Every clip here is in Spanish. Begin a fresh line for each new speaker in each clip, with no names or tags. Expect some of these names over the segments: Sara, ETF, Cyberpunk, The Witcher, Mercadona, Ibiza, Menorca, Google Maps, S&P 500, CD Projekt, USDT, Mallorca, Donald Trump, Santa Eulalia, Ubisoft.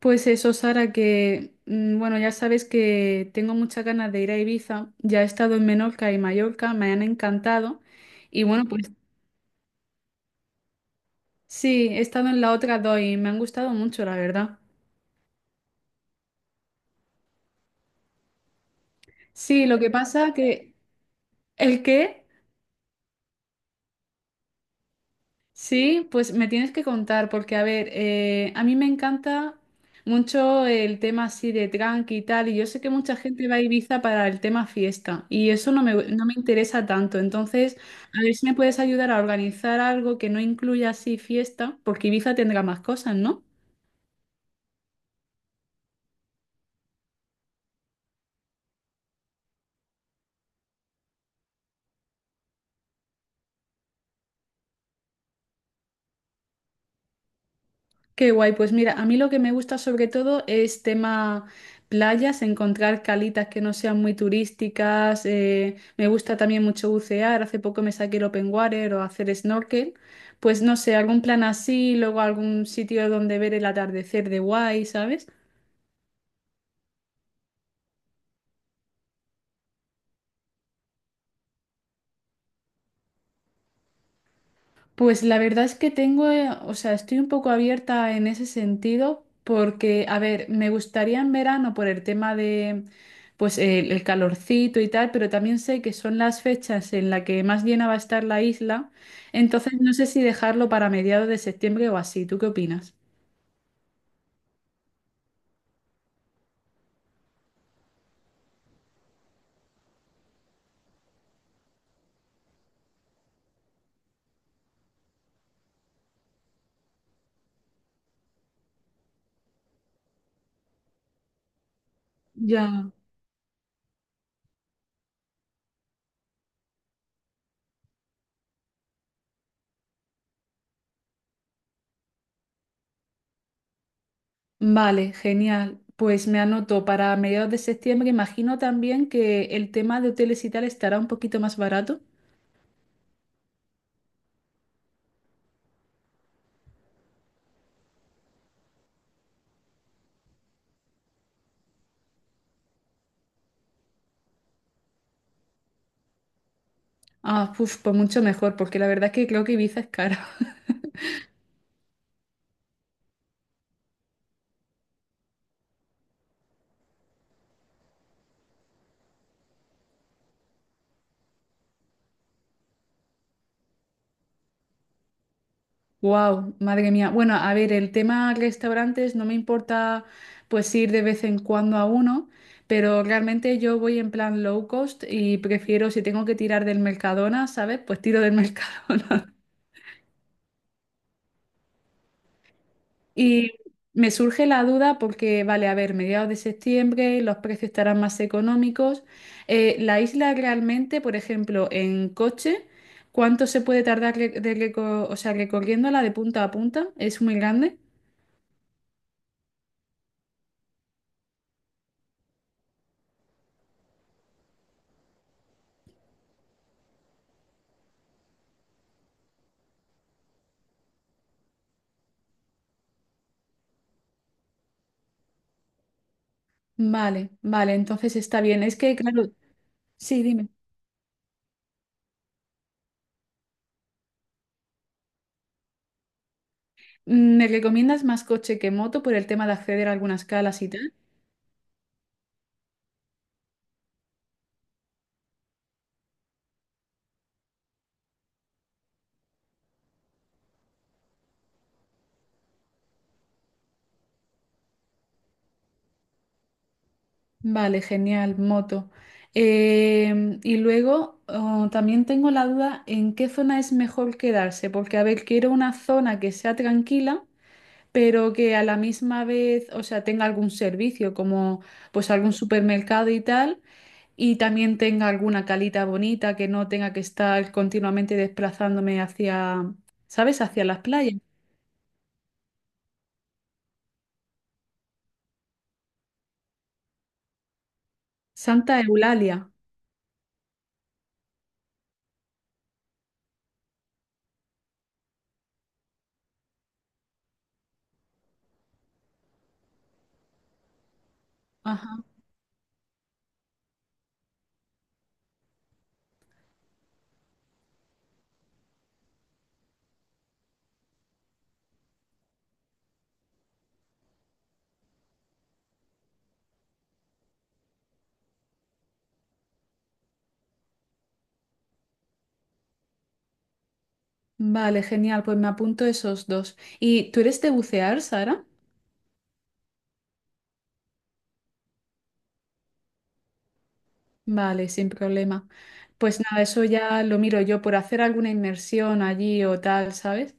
Pues eso, Sara, que bueno, ya sabes que tengo muchas ganas de ir a Ibiza. Ya he estado en Menorca y Mallorca, me han encantado. Y bueno, Sí. Pues sí, he estado en la otra dos y me han gustado mucho, la verdad. Sí, lo que pasa que... ¿El qué? Sí, pues me tienes que contar, porque a ver, a mí me encanta mucho el tema así de tranqui y tal, y yo sé que mucha gente va a Ibiza para el tema fiesta, y eso no me interesa tanto. Entonces, a ver si me puedes ayudar a organizar algo que no incluya así fiesta, porque Ibiza tendrá más cosas, ¿no? Qué guay, pues mira, a mí lo que me gusta sobre todo es tema playas, encontrar calitas que no sean muy turísticas, me gusta también mucho bucear, hace poco me saqué el open water o hacer snorkel, pues no sé, algún plan así, luego algún sitio donde ver el atardecer de guay, ¿sabes? Pues la verdad es que tengo, o sea, estoy un poco abierta en ese sentido porque, a ver, me gustaría en verano por el tema de, pues, el calorcito y tal, pero también sé que son las fechas en las que más llena va a estar la isla, entonces no sé si dejarlo para mediados de septiembre o así. ¿Tú qué opinas? Ya. Vale, genial. Pues me anoto para mediados de septiembre. Imagino también que el tema de hoteles y tal estará un poquito más barato. Ah, uf, pues mucho mejor, porque la verdad es que creo que Ibiza es caro. Wow, madre mía. Bueno, a ver, el tema restaurantes no me importa pues ir de vez en cuando a uno, pero realmente yo voy en plan low cost y prefiero si tengo que tirar del Mercadona, ¿sabes? Pues tiro del Mercadona. Y me surge la duda porque, vale, a ver, mediados de septiembre los precios estarán más económicos. La isla realmente, por ejemplo, en coche, ¿cuánto se puede tardar re- de reco- o sea, recorriéndola de punta a punta? ¿Es muy grande? Vale, vale, entonces está bien. Es que, claro, sí, dime. Mm, ¿me recomiendas más coche que moto por el tema de acceder a algunas calas y tal? Vale, genial, moto. Em, y luego oh, también tengo la duda en qué zona es mejor quedarse, porque a ver, quiero una zona que sea tranquila, pero que a la misma vez, o sea, tenga algún servicio, como pues algún supermercado y tal, y también tenga alguna calita bonita, que no tenga que estar continuamente desplazándome hacia, ¿sabes? Hacia las playas. Santa Eulalia. Ajá. Vale, genial, pues me apunto esos dos. ¿Y tú eres de bucear, Sara? Vale, sin problema. Pues nada, eso ya lo miro yo por hacer alguna inmersión allí o tal, ¿sabes?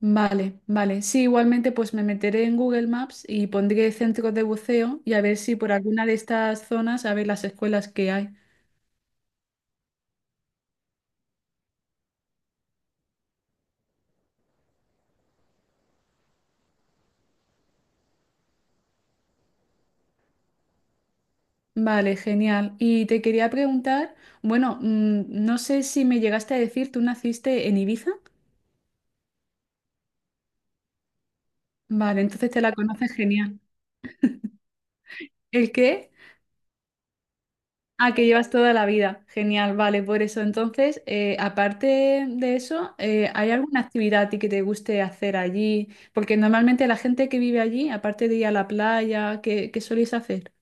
Vale, vale. Sí, igualmente pues me meteré en Google Maps y pondré centros de buceo y a ver si por alguna de estas zonas, a ver las escuelas que hay. Vale, genial. Y te quería preguntar, bueno, no sé si me llegaste a decir, ¿tú naciste en Ibiza? Vale, entonces te la conoces genial. ¿El qué? Ah, que llevas toda la vida. Genial, vale, por eso. Entonces, aparte de eso, ¿hay alguna actividad a ti que te guste hacer allí? Porque normalmente la gente que vive allí, aparte de ir a la playa, ¿qué soléis hacer?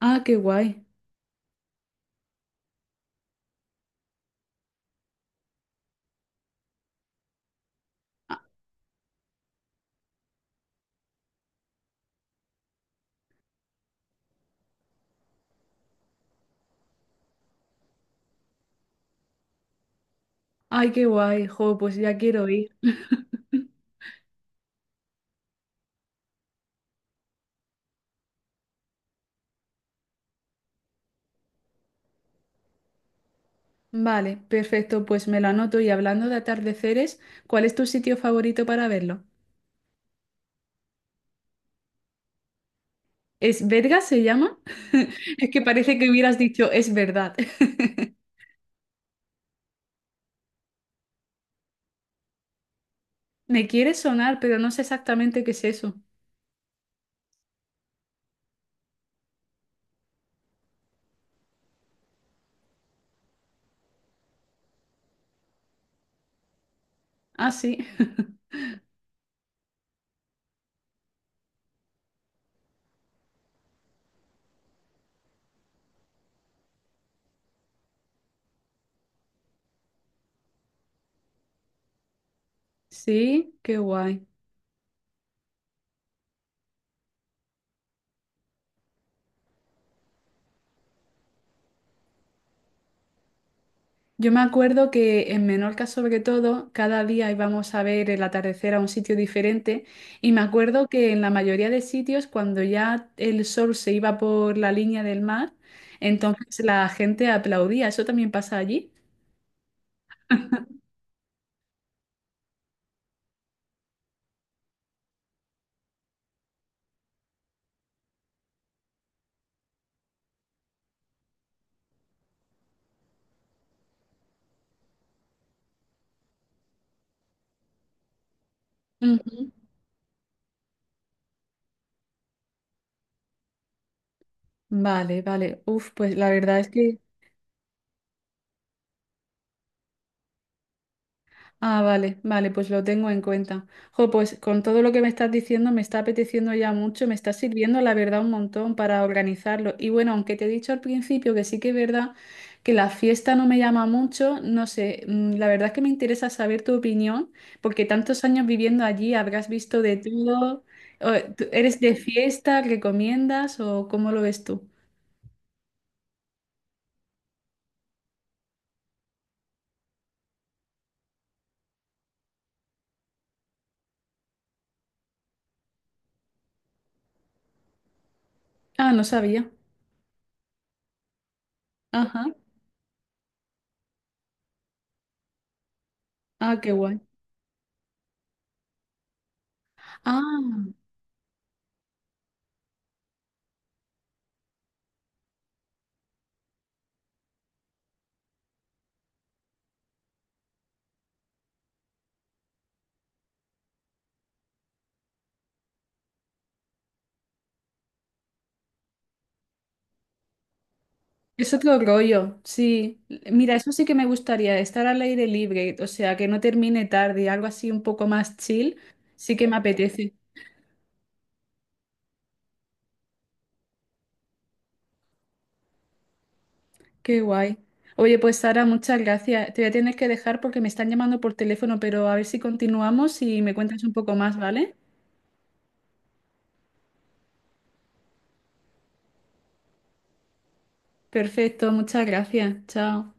Ah, qué guay. Ay, qué guay. Jo, pues ya quiero ir. Vale, perfecto, pues me lo anoto. Y hablando de atardeceres, ¿cuál es tu sitio favorito para verlo? ¿Es Vergas se llama? Es que parece que hubieras dicho, es verdad. Me quiere sonar, pero no sé exactamente qué es eso. Ah, sí. Sí, qué guay. Yo me acuerdo que en Menorca, sobre todo, cada día íbamos a ver el atardecer a un sitio diferente y me acuerdo que en la mayoría de sitios, cuando ya el sol se iba por la línea del mar, entonces la gente aplaudía. ¿Eso también pasa allí? Ujú. Vale, vale. Uf, pues la verdad es que... Ah, vale, vale, pues lo tengo en cuenta. Jo, pues con todo lo que me estás diciendo me está apeteciendo ya mucho, me está sirviendo la verdad un montón para organizarlo. Y bueno, aunque te he dicho al principio que sí que es verdad que la fiesta no me llama mucho, no sé, la verdad es que me interesa saber tu opinión, porque tantos años viviendo allí habrás visto de todo. O, ¿tú ¿eres de fiesta? ¿Recomiendas o cómo lo ves tú? Ah, no sabía. Ajá. Ah, qué guay. Ah. Es otro rollo, sí. Mira, eso sí que me gustaría, estar al aire libre, o sea, que no termine tarde, algo así un poco más chill, sí que me apetece. Qué guay. Oye, pues Sara, muchas gracias. Te voy a tener que dejar porque me están llamando por teléfono, pero a ver si continuamos y me cuentas un poco más, ¿vale? Perfecto, muchas gracias. Chao.